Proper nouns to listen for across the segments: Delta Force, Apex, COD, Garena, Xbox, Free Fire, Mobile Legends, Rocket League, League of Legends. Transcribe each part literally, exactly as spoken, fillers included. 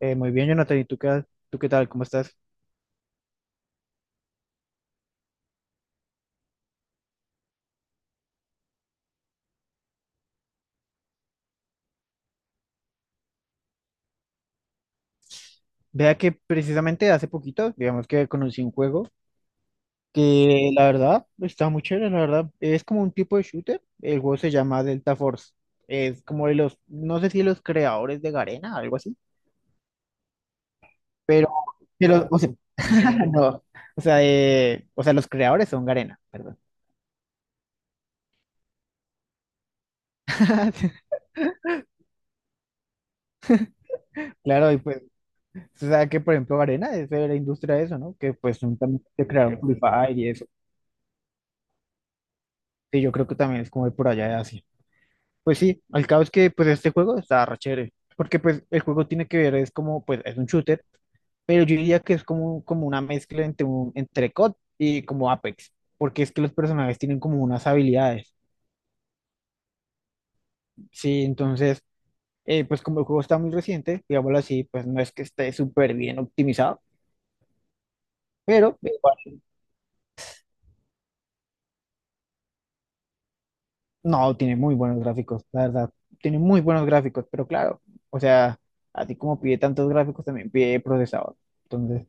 Eh, muy bien, Jonathan, ¿y tú qué, tú qué tal? ¿Cómo estás? Vea que precisamente hace poquito, digamos que conocí un juego que la verdad está muy chévere, la verdad. Es como un tipo de shooter. El juego se llama Delta Force. Es como de los, no sé si los creadores de Garena, algo así, pero, pero o sea, no, o sea, eh, o sea, los creadores son Garena, perdón. Claro, y pues, o sea, que por ejemplo Garena es de la industria de eso, ¿no? Que pues son también que crearon Free Fire y eso. Sí, yo creo que también es como de por allá de Asia. Pues sí, al cabo es que pues este juego está re chévere, porque pues el juego tiene que ver, es como, pues es un shooter, pero yo diría que es como, como una mezcla entre un, entre C O D y como Apex, porque es que los personajes tienen como unas habilidades, sí, entonces, eh, pues como el juego está muy reciente, digámoslo así, pues no es que esté súper bien optimizado, pero igual, no, tiene muy buenos gráficos, la verdad, tiene muy buenos gráficos, pero claro, o sea, así como pide tantos gráficos, también pide procesador, entonces...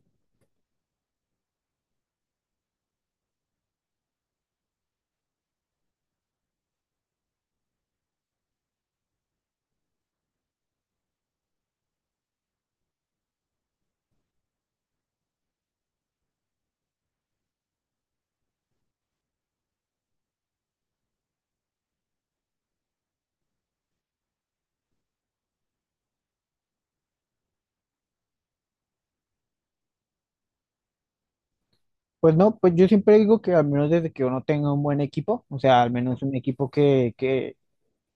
Pues no, pues yo siempre digo que al menos desde que uno tenga un buen equipo, o sea, al menos un equipo que, que,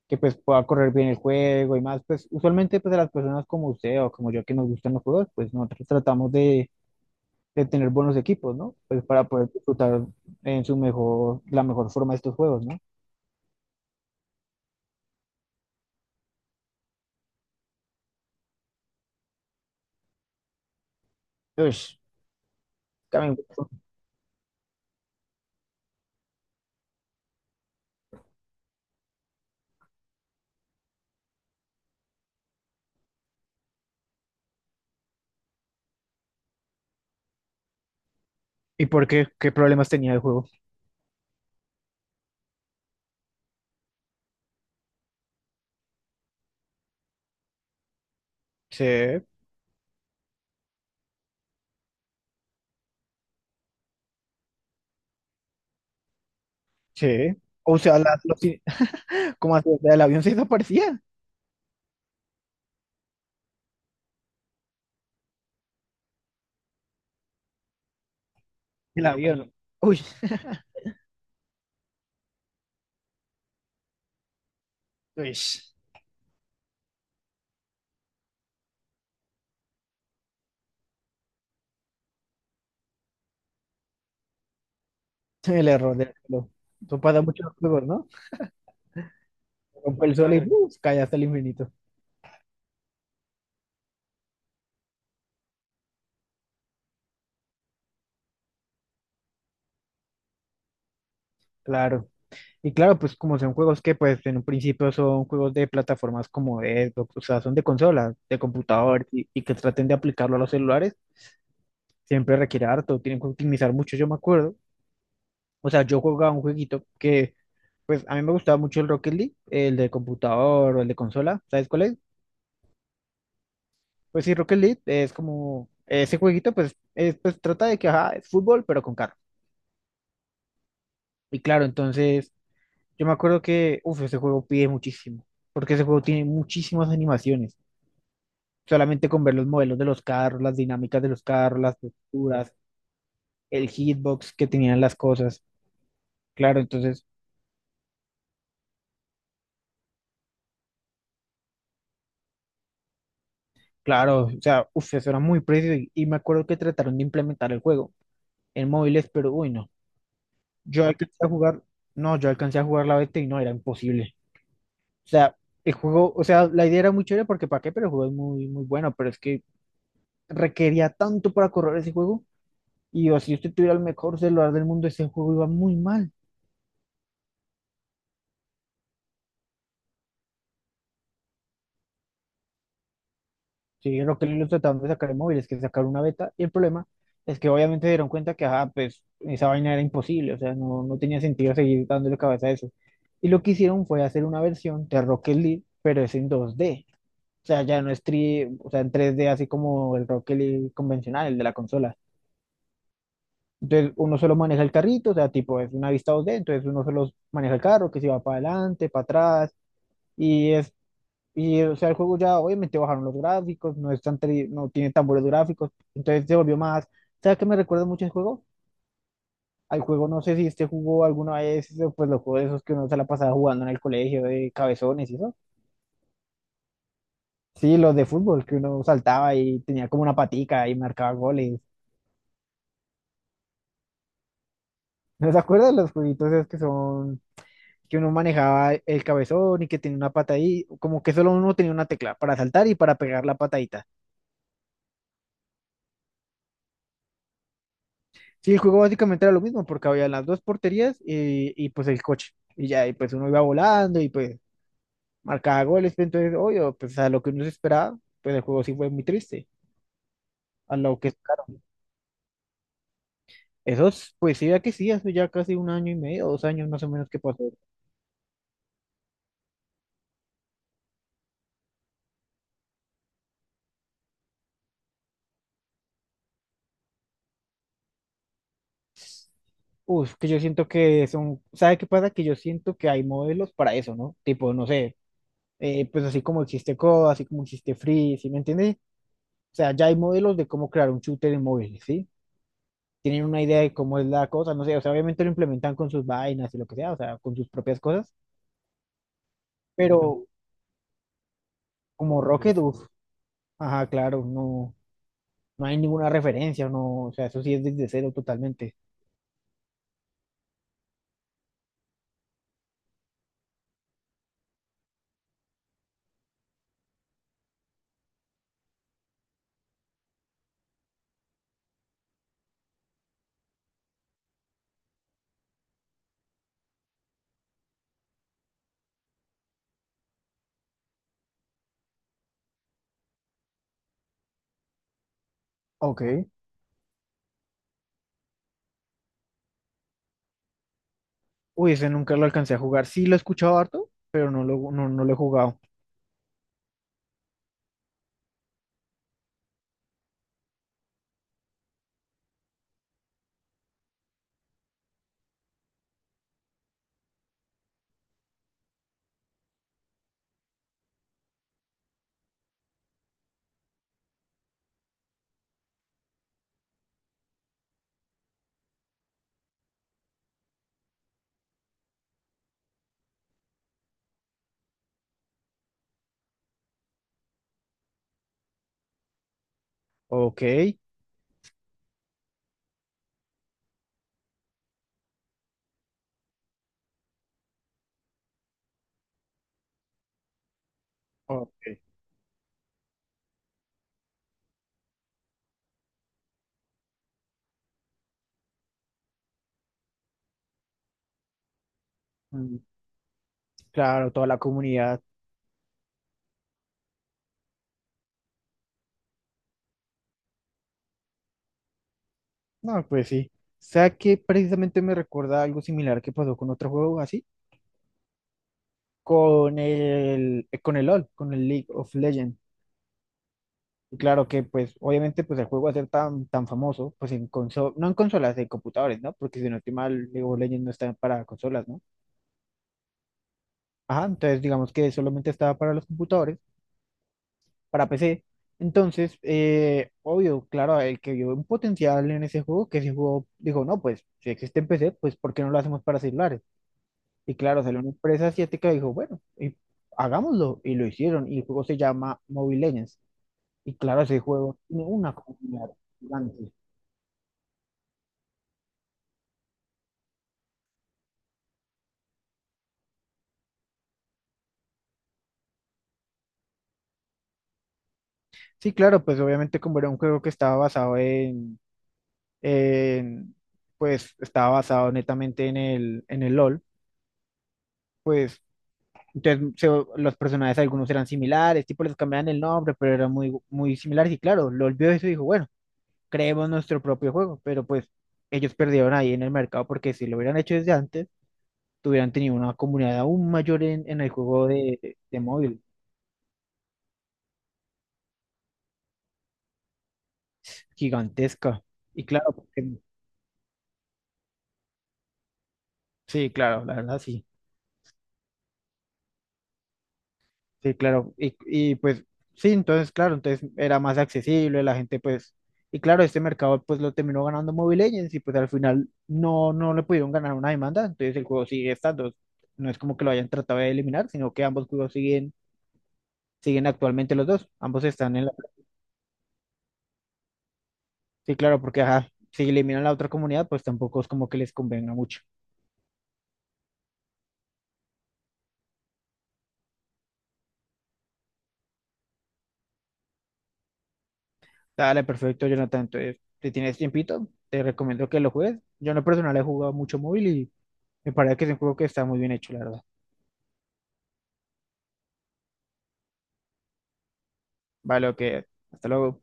que pues pueda correr bien el juego y más, pues usualmente pues a las personas como usted o como yo que nos gustan los juegos, pues nosotros tratamos de, de tener buenos equipos, ¿no? Pues para poder disfrutar en su mejor, la mejor forma estos juegos, ¿no? Pues, también. ¿Y por qué? ¿Qué problemas tenía el juego? Sí, sí. O sea, la, los- ¿cómo así? O sea, el avión se desaparecía. El avión. Uy, uy. El error del reloj. Eso pasa mucho en los juegos, ¿no? Rompe el sol y claro. ¡Uh! Cae hasta el infinito. Claro. Y claro, pues como son juegos que pues en un principio son juegos de plataformas como Xbox, o sea, son de consolas, de computador y, y que traten de aplicarlo a los celulares, siempre requiere harto, tienen que optimizar mucho, yo me acuerdo. O sea, yo jugaba un jueguito que pues a mí me gustaba mucho el Rocket League, el de computador o el de consola, ¿sabes cuál es? Pues sí, Rocket League es como ese jueguito pues, es- pues trata de que ajá, es fútbol pero con carro. Y claro, entonces yo me acuerdo que, uff, ese juego pide muchísimo, porque ese juego tiene muchísimas animaciones. Solamente con ver los modelos de los carros, las dinámicas de los carros, las texturas, el hitbox que tenían las cosas. Claro, entonces, claro, o sea, uff, eso era muy preciso y, y me acuerdo que trataron de implementar el juego en móviles, pero uy, no. Yo alcancé a jugar, no, yo alcancé a jugar la beta y no, era imposible. O sea, el juego, o sea, la idea era muy chévere porque para qué, pero el juego es muy, muy bueno, pero es que requería tanto para correr ese juego. Y o si usted tuviera el mejor celular del mundo, ese juego iba muy mal. Sí, Rocket League lo trataron de sacar en móviles, que sacar una beta. Y el problema es que obviamente dieron cuenta que, ajá, pues esa vaina era imposible. O sea, no, no tenía sentido seguir dándole cabeza a eso. Y lo que hicieron fue hacer una versión de Rocket League, pero es en dos D. O sea, ya no es tri- o sea, en tres D, así como el Rocket League convencional, el de la consola. Entonces, uno solo maneja el carrito, o sea, tipo, es una vista dos D, entonces uno solo maneja el carro, que se va para adelante, para atrás, y es y, o sea, el juego ya obviamente bajaron los gráficos, no es tan tri- no tiene tan buenos gráficos, entonces se volvió más. ¿Sabes qué me recuerda mucho el juego? Al juego, no sé si este jugó alguna vez, eh, pues los juegos esos que uno se la pasaba jugando en el colegio de cabezones y eso. Sí, los de fútbol, que uno saltaba y tenía como una patica y marcaba goles. ¿No se acuerdan los jueguitos esos que son, que uno manejaba el cabezón y que tenía una pata ahí? Como que solo uno tenía una tecla para saltar y para pegar la patadita. Sí, el juego básicamente era lo mismo, porque había las dos porterías y, y, pues el coche. Y ya, y pues uno iba volando y pues marcaba goles. pero Entonces, obvio, pues a lo que uno se esperaba, pues el juego sí fue muy triste. A lo que, claro, esos, pues sí, ya que sí, hace ya casi un año y medio, dos años más o menos que pasó. Uf, que yo siento que son, ¿sabe qué pasa? Que yo siento que hay modelos para eso, ¿no? Tipo, no sé, eh, pues así como existe C O D, así como existe Free, ¿sí me entiendes? O sea, ya hay modelos de cómo crear un shooter en móviles, ¿sí? Tienen una idea de cómo es la cosa, no sé, o sea, obviamente lo implementan con sus vainas y lo que sea, o sea, con sus propias cosas, pero como Rocket, uff, ajá, claro, no, no hay ninguna referencia, no, o sea, eso sí es desde cero totalmente. Ok. Uy, ese nunca lo alcancé a jugar, sí lo he escuchado harto, pero no lo, no, no lo he jugado. Ok, ok. Mm, claro, toda la comunidad, no, pues sí. O sea que precisamente me recuerda algo similar que pasó con otro juego así, con el, con el LOL, con el League of Legends. Y claro que, pues, obviamente, pues el juego va a ser tan, tan famoso, pues en consolas, no en consolas, en computadores, ¿no? Porque si no estoy mal, League of Legends no está para consolas, ¿no? Ajá, entonces digamos que solamente estaba para los computadores, para P C. Entonces, eh, obvio, claro, el que vio un potencial en ese juego, que ese juego dijo, no, pues, si existe en P C, pues, ¿por qué no lo hacemos para celulares? Y claro, salió una empresa asiática y dijo, bueno, y hagámoslo, y lo hicieron, y el juego se llama Mobile Legends. Y claro, ese juego tiene una comunidad gigante. Sí, claro, pues obviamente como era un juego que estaba basado en, en, pues estaba basado netamente en el, en el, LOL, pues entonces se- los personajes algunos eran similares, tipo les cambiaban el nombre, pero eran muy, muy similares y claro, LOL vio eso y dijo, bueno, creemos nuestro propio juego, pero pues ellos perdieron ahí en el mercado porque si lo hubieran hecho desde antes, hubieran tenido una comunidad aún mayor en, en el juego de, de móvil, gigantesca. Y claro, porque- sí, claro, la verdad, sí. Sí, claro. Y, y pues sí, entonces, claro, entonces era más accesible, la gente pues, y claro, este mercado pues lo terminó ganando Mobile Legends y pues al final no, no le pudieron ganar una demanda, entonces el juego sigue estando. No es como que lo hayan tratado de eliminar, sino que ambos juegos siguen, siguen actualmente los dos, ambos están en la... Sí, claro, porque ajá, si eliminan la otra comunidad, pues tampoco es como que les convenga mucho. Dale, perfecto, Jonathan. Entonces, si tienes tiempito, te recomiendo que lo juegues. Yo en lo personal he jugado mucho móvil y me parece que es un juego que está muy bien hecho, la verdad. Vale, ok. Hasta luego.